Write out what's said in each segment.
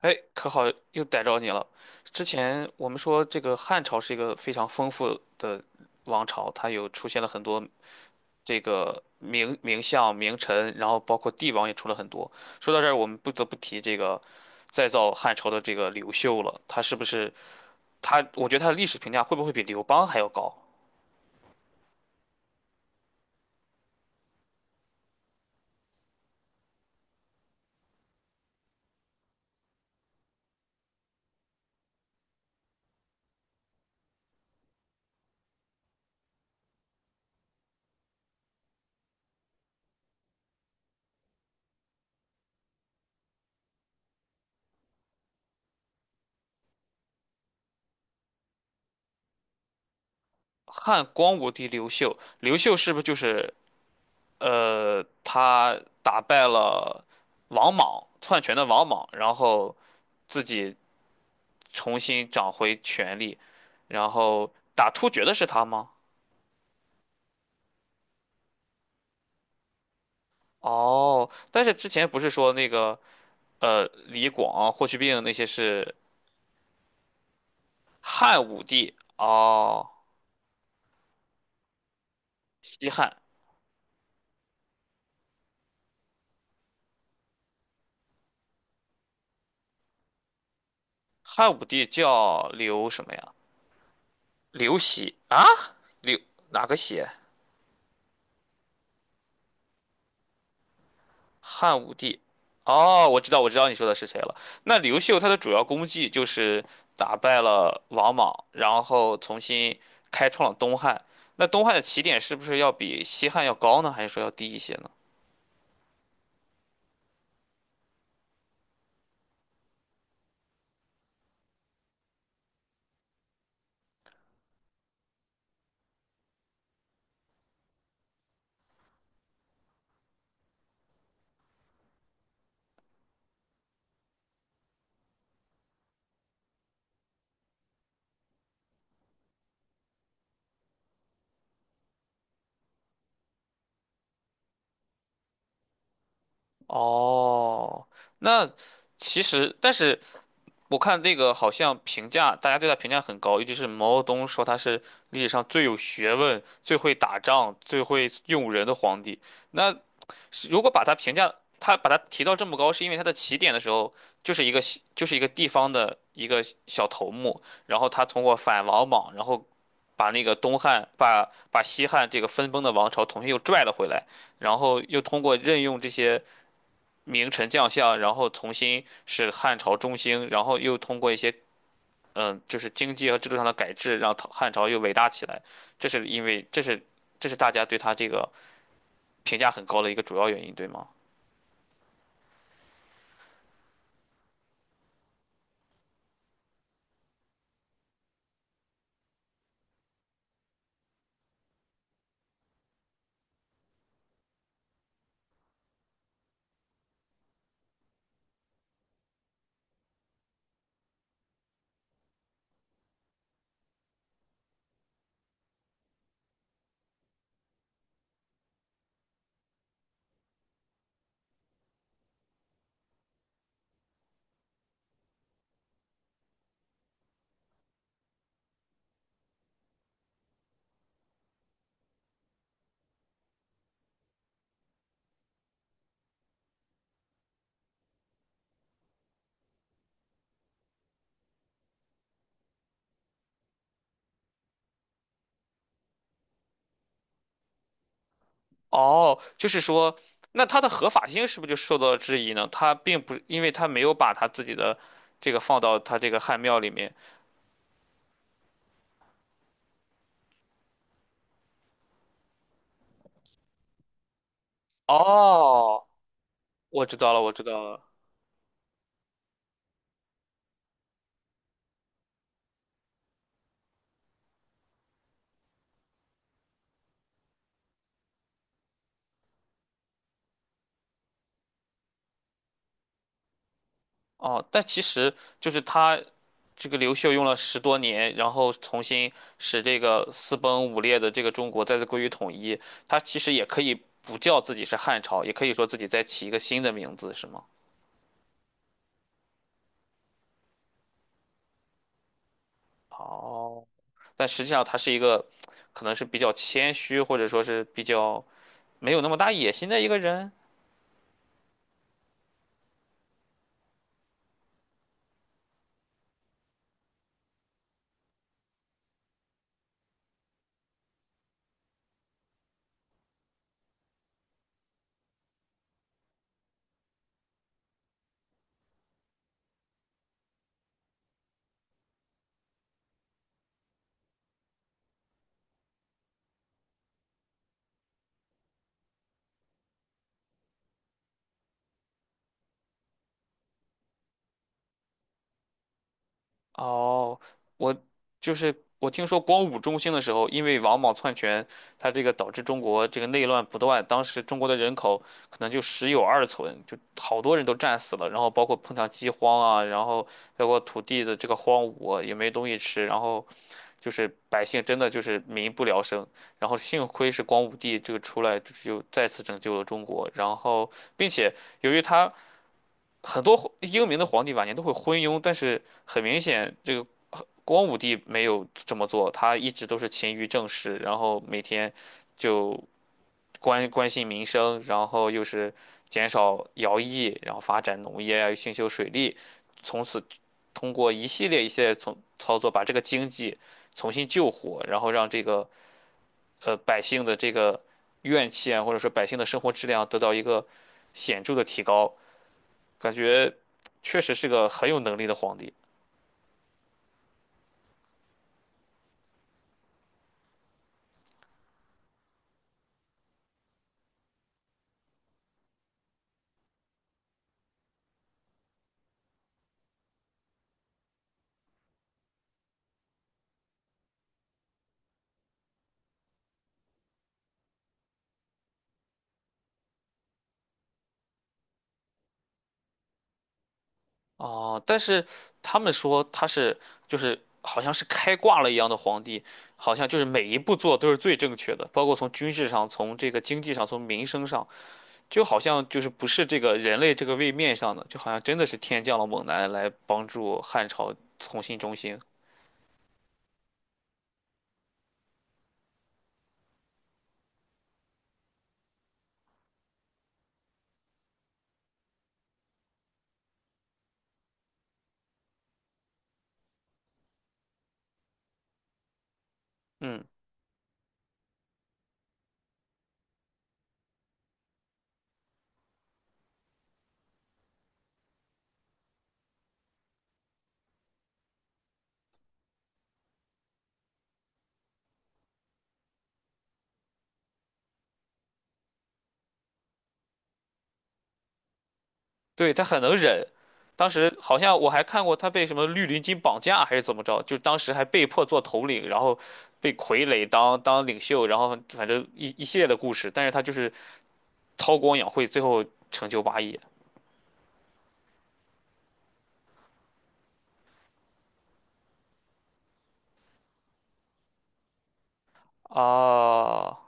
哎，可好，又逮着你了。之前我们说这个汉朝是一个非常丰富的王朝，它有出现了很多这个名相、名臣，然后包括帝王也出了很多。说到这儿，我们不得不提这个再造汉朝的这个刘秀了，他是不是他？我觉得他的历史评价会不会比刘邦还要高？汉光武帝刘秀，刘秀是不是就是他打败了王莽篡权的王莽，然后自己重新掌回权力，然后打突厥的是他吗？哦，但是之前不是说那个李广啊、霍去病那些是汉武帝哦，西汉汉武帝叫刘什么呀？刘喜啊？刘哪个喜？汉武帝，哦，我知道，我知道你说的是谁了。那刘秀他的主要功绩就是打败了王莽，然后重新开创了东汉。那东汉的起点是不是要比西汉要高呢？还是说要低一些呢？哦，那其实，但是我看那个好像评价，大家对他评价很高，尤其是毛泽东说他是历史上最有学问、最会打仗、最会用人的皇帝。那是如果把它评价，它把它提到这么高，是因为它的起点的时候就是一个地方的一个小头目，然后他通过反王莽，然后把那个东汉把把西汉这个分崩的王朝重新又拽了回来，然后又通过任用这些名臣将相，然后重新使汉朝中兴，然后又通过一些就是经济和制度上的改制，让唐汉朝又伟大起来。这是因为这是这是大家对他这个评价很高的一个主要原因，对吗？哦，就是说，那它的合法性是不是就受到了质疑呢？他并不，因为他没有把他自己的这个放到他这个汉庙里面。哦，我知道了，我知道了。哦，但其实就是他这个刘秀用了十多年，然后重新使这个四崩五裂的这个中国再次归于统一。他其实也可以不叫自己是汉朝，也可以说自己再起一个新的名字，是吗？哦，但实际上他是一个，可能是比较谦虚，或者说是比较没有那么大野心的一个人。哦，我就是我听说光武中兴的时候，因为王莽篡权，他这个导致中国这个内乱不断，当时中国的人口可能就十有二存，就好多人都战死了，然后包括碰上饥荒啊，然后包括土地的这个荒芜也没东西吃，然后就是百姓真的就是民不聊生，然后幸亏是光武帝这个出来，就是又再次拯救了中国，然后并且由于他。很多英明的皇帝晚年都会昏庸，但是很明显，这个光武帝没有这么做，他一直都是勤于政事，然后每天就关心民生，然后又是减少徭役，然后发展农业啊，又兴修水利，从此通过一系列从操作，把这个经济重新救活，然后让这个百姓的这个怨气啊，或者说百姓的生活质量得到一个显著的提高。感觉确实是个很有能力的皇帝哦。但是他们说他是就是好像是开挂了一样的皇帝，好像就是每一步做都是最正确的，包括从军事上、从这个经济上、从民生上，就好像就是不是这个人类这个位面上的，就好像真的是天降了猛男来帮助汉朝重新中兴。嗯。对，他很能忍。当时好像我还看过他被什么绿林军绑架还是怎么着，就当时还被迫做头领，然后被傀儡当领袖，然后反正一系列的故事。但是他就是韬光养晦，最后成就霸业啊！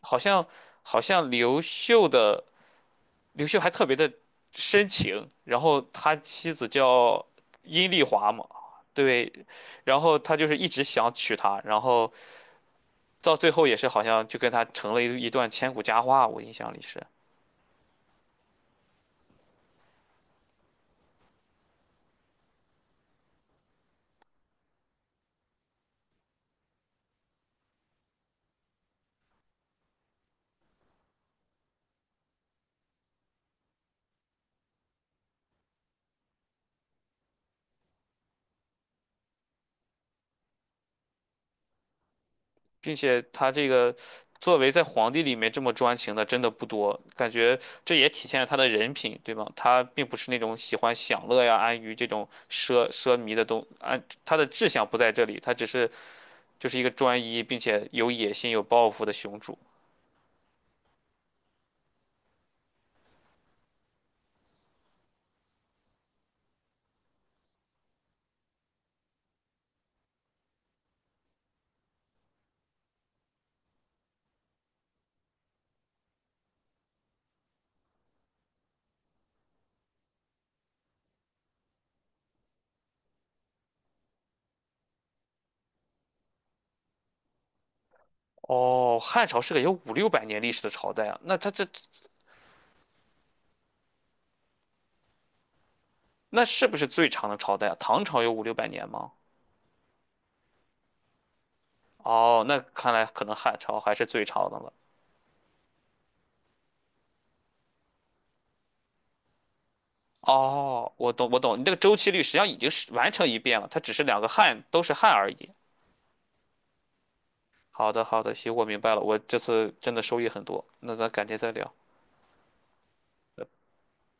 好像好像刘秀还特别的深情，然后他妻子叫阴丽华嘛，对，然后他就是一直想娶她，然后到最后也是好像就跟他成了一段千古佳话，我印象里是，并且他这个作为在皇帝里面这么专情的真的不多，感觉这也体现了他的人品，对吗？他并不是那种喜欢享乐呀、安于这种奢靡的东，安他的志向不在这里，他只是就是一个专一并且有野心、有抱负的雄主。哦，汉朝是个有五六百年历史的朝代啊，那他这那是不是最长的朝代啊？唐朝有五六百年吗？哦，那看来可能汉朝还是最长的了。哦，我懂，我懂，你这个周期率实际上已经是完成一遍了，它只是两个汉都是汉而已。好的，好的，行，我明白了，我这次真的收益很多。那咱改天再聊。